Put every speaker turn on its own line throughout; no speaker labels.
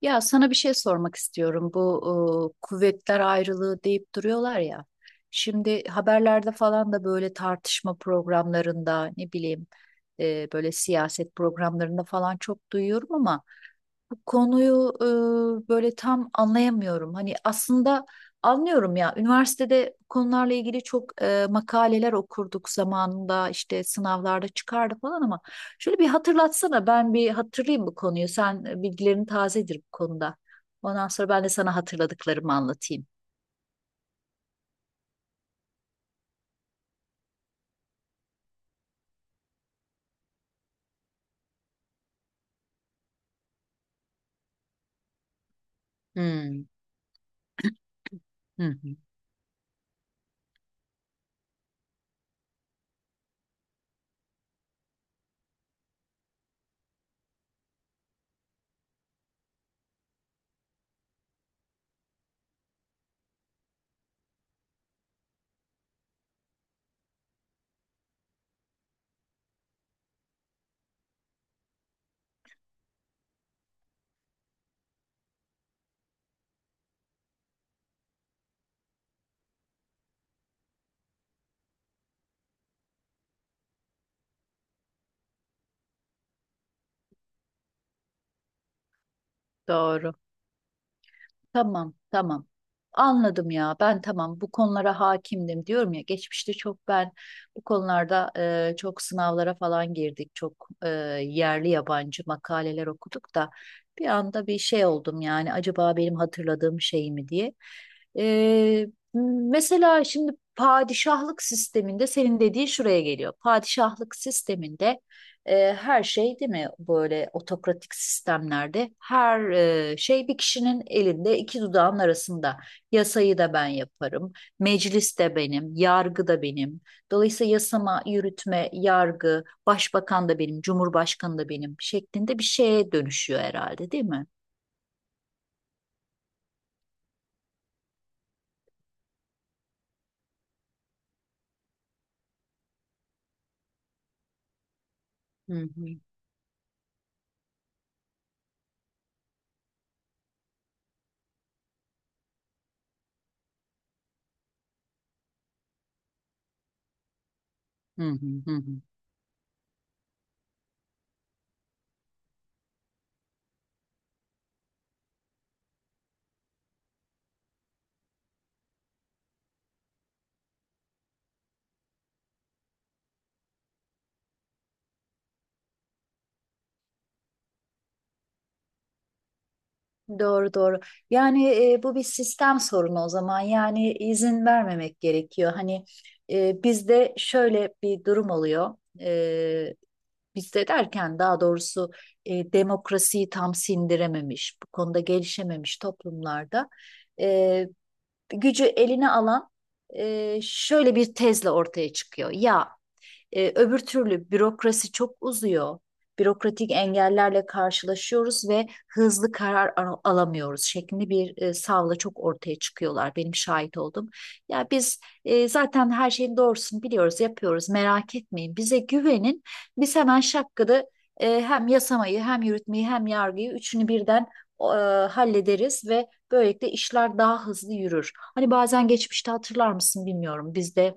Ya sana bir şey sormak istiyorum. Bu kuvvetler ayrılığı deyip duruyorlar ya. Şimdi haberlerde falan da böyle tartışma programlarında ne bileyim, böyle siyaset programlarında falan çok duyuyorum ama bu konuyu böyle tam anlayamıyorum. Hani aslında anlıyorum ya, üniversitede bu konularla ilgili çok makaleler okurduk zamanında, işte sınavlarda çıkardı falan ama şöyle bir hatırlatsana, ben bir hatırlayayım bu konuyu. Sen, bilgilerin tazedir bu konuda. Ondan sonra ben de sana hatırladıklarımı anlatayım. Hmm. Hı hı. Doğru. Tamam, tamam. Anladım ya. Ben tamam bu konulara hakimdim diyorum ya. Geçmişte çok ben bu konularda çok sınavlara falan girdik. Çok yerli yabancı makaleler okuduk da bir anda bir şey oldum yani, acaba benim hatırladığım şey mi diye. E, Mesela şimdi padişahlık sisteminde senin dediğin şuraya geliyor. Padişahlık sisteminde her şey, değil mi, böyle otokratik sistemlerde her şey bir kişinin elinde, iki dudağın arasında. Yasayı da ben yaparım, meclis de benim, yargı da benim. Dolayısıyla yasama, yürütme, yargı, başbakan da benim, cumhurbaşkanı da benim şeklinde bir şeye dönüşüyor herhalde değil mi? Hı hı. Hı hı, hı hı. Doğru, doğru. Yani bu bir sistem sorunu o zaman. Yani izin vermemek gerekiyor. Hani, bizde şöyle bir durum oluyor. E, Bizde derken, daha doğrusu, demokrasiyi tam sindirememiş, bu konuda gelişememiş toplumlarda e, gücü eline alan şöyle bir tezle ortaya çıkıyor. Ya, öbür türlü bürokrasi çok uzuyor. Bürokratik engellerle karşılaşıyoruz ve hızlı karar alamıyoruz şeklinde bir savla çok ortaya çıkıyorlar. Benim şahit oldum. Ya biz zaten her şeyin doğrusunu biliyoruz, yapıyoruz. Merak etmeyin. Bize güvenin. Biz hemen şakkıda hem yasamayı, hem yürütmeyi, hem yargıyı, üçünü birden e, hallederiz ve böylelikle işler daha hızlı yürür. Hani bazen geçmişte hatırlar mısın bilmiyorum. Bizde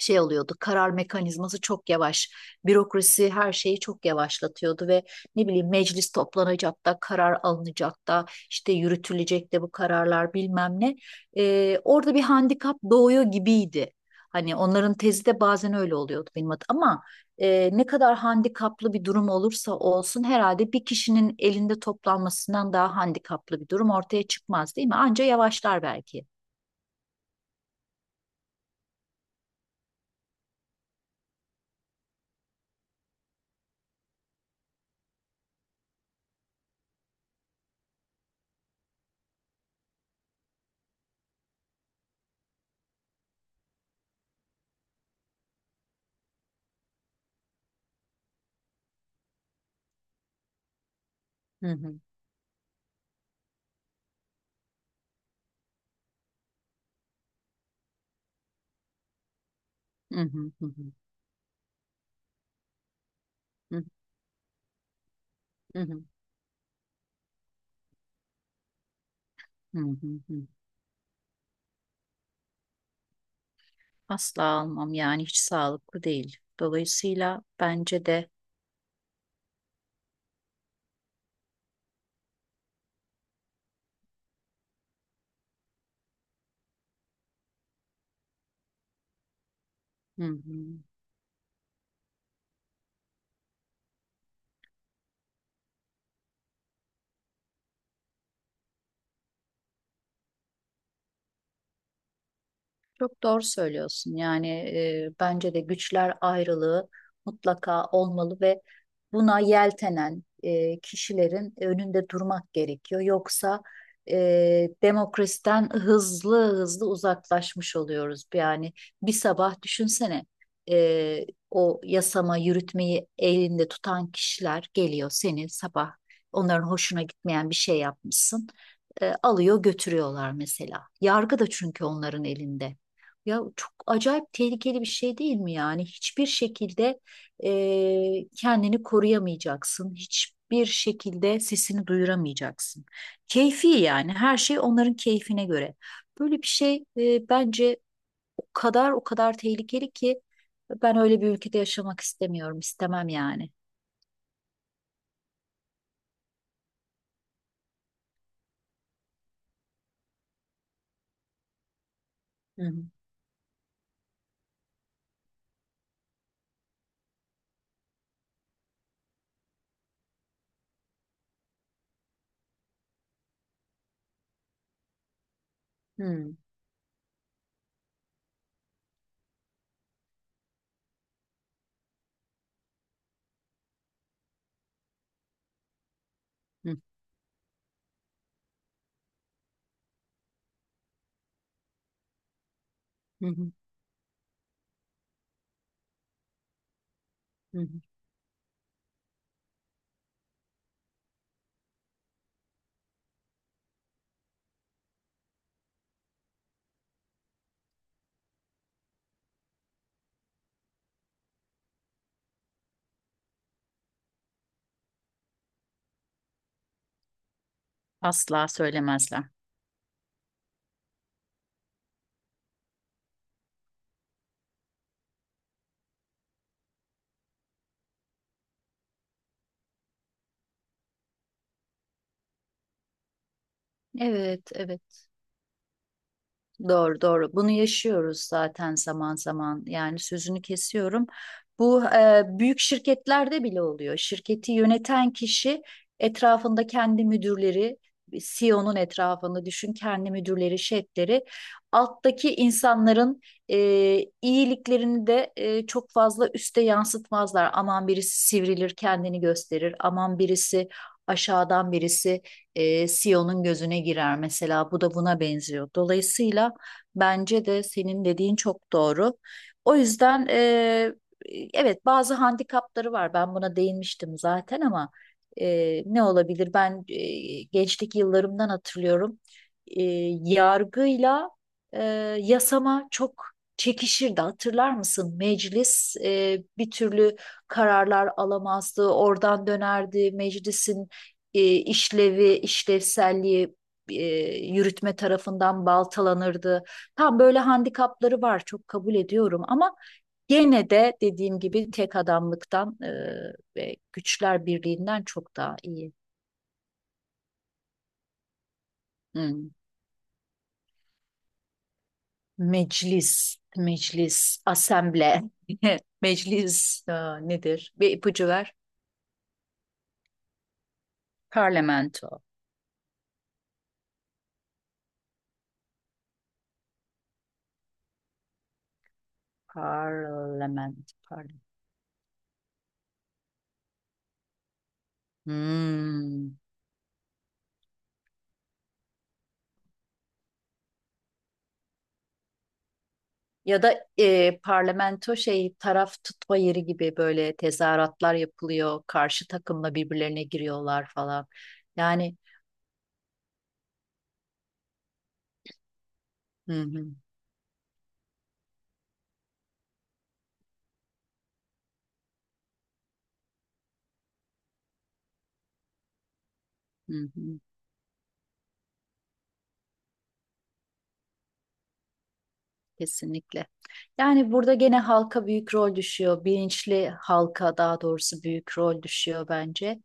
şey oluyordu. Karar mekanizması çok yavaş. Bürokrasi her şeyi çok yavaşlatıyordu ve ne bileyim meclis toplanacak da karar alınacak da işte yürütülecek de bu kararlar bilmem ne. Orada bir handikap doğuyor gibiydi. Hani onların tezi de bazen öyle oluyordu benim adım. Ama ne kadar handikaplı bir durum olursa olsun, herhalde bir kişinin elinde toplanmasından daha handikaplı bir durum ortaya çıkmaz değil mi? Anca yavaşlar belki. Hı hı. Hı hı. Hı hı. Hı hı. Hı hı. Hı hı. Asla almam yani, hiç sağlıklı değil. Dolayısıyla bence de. Hı hı. Çok doğru söylüyorsun. Yani bence de güçler ayrılığı mutlaka olmalı ve buna yeltenen kişilerin önünde durmak gerekiyor. Yoksa demokrasiden hızlı hızlı uzaklaşmış oluyoruz. Yani bir sabah düşünsene, e, o yasama yürütmeyi elinde tutan kişiler geliyor seni sabah, onların hoşuna gitmeyen bir şey yapmışsın. Alıyor götürüyorlar mesela. Yargı da çünkü onların elinde. Ya, çok acayip tehlikeli bir şey değil mi yani? Hiçbir şekilde kendini koruyamayacaksın. Hiçbir şekilde sesini duyuramayacaksın. Keyfi yani, her şey onların keyfine göre. Böyle bir şey bence o kadar o kadar tehlikeli ki ben öyle bir ülkede yaşamak istemiyorum. İstemem yani. Hı hı, hı hı, hı hı, hı hı. Asla söylemezler. Evet, evet. Doğru, doğru. Bunu yaşıyoruz zaten zaman zaman. Yani sözünü kesiyorum. Bu büyük şirketlerde bile oluyor. Şirketi yöneten kişi, etrafında kendi müdürleri, CEO'nun etrafını düşün, kendi müdürleri, şefleri, alttaki insanların e, iyiliklerini de çok fazla üste yansıtmazlar. Aman birisi sivrilir, kendini gösterir. Aman birisi, aşağıdan birisi CEO'nun gözüne girer mesela. Bu da buna benziyor. Dolayısıyla, bence de senin dediğin çok doğru. O yüzden, evet bazı handikapları var. Ben buna değinmiştim zaten ama ne olabilir? Ben gençlik yıllarımdan hatırlıyorum. E, Yargıyla e, yasama çok çekişirdi. Hatırlar mısın? Meclis bir türlü kararlar alamazdı. Oradan dönerdi. Meclisin işlevi, işlevselliği e, yürütme tarafından baltalanırdı. Tam böyle handikapları var, çok kabul ediyorum ama gene de dediğim gibi tek adamlıktan ve güçler birliğinden çok daha iyi. Hmm. Meclis, meclis, asemble, meclis, nedir? Bir ipucu ver. Parlamento, parlament, parlament. Hmm. Ya da, parlamento şey, taraf tutma yeri gibi böyle tezahüratlar yapılıyor. Karşı takımla birbirlerine giriyorlar falan. Yani. Hı hı, hı hı, kesinlikle. Yani burada gene halka büyük rol düşüyor. Bilinçli halka daha doğrusu büyük rol düşüyor bence.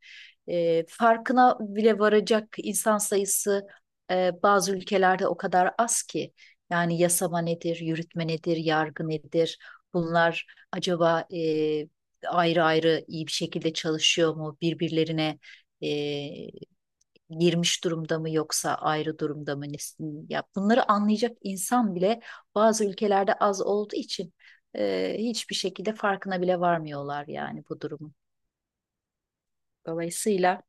Farkına bile varacak insan sayısı bazı ülkelerde o kadar az ki. Yani yasama nedir, yürütme nedir, yargı nedir? Bunlar acaba ayrı ayrı iyi bir şekilde çalışıyor mu? Birbirlerine girmiş durumda mı yoksa ayrı durumda mı? Ya bunları anlayacak insan bile bazı ülkelerde az olduğu için hiçbir şekilde farkına bile varmıyorlar yani bu durumun. Dolayısıyla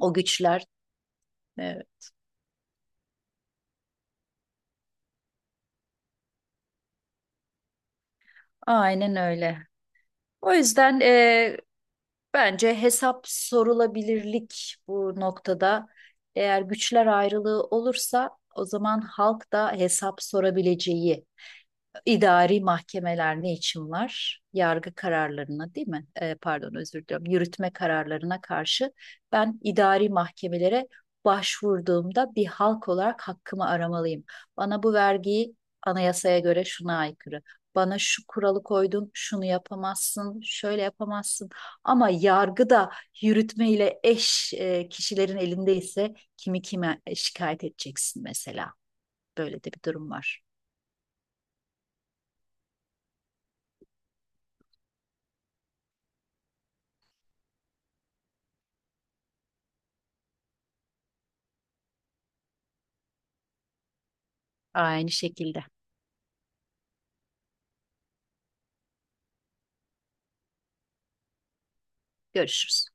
o güçler, e, aynen öyle. O yüzden bence hesap sorulabilirlik bu noktada. Eğer güçler ayrılığı olursa o zaman halk da hesap sorabileceği idari mahkemeler ne için var? Yargı kararlarına değil mi? Pardon, özür diliyorum. Yürütme kararlarına karşı ben idari mahkemelere başvurduğumda bir halk olarak hakkımı aramalıyım. Bana bu vergiyi, anayasaya göre şuna aykırı. Bana şu kuralı koydun, şunu yapamazsın, şöyle yapamazsın. Ama yargı da yürütme eş kişilerin elindeyse kimi kime şikayet edeceksin mesela. Böyle de bir durum var. Aynı şekilde. Görüşürüz.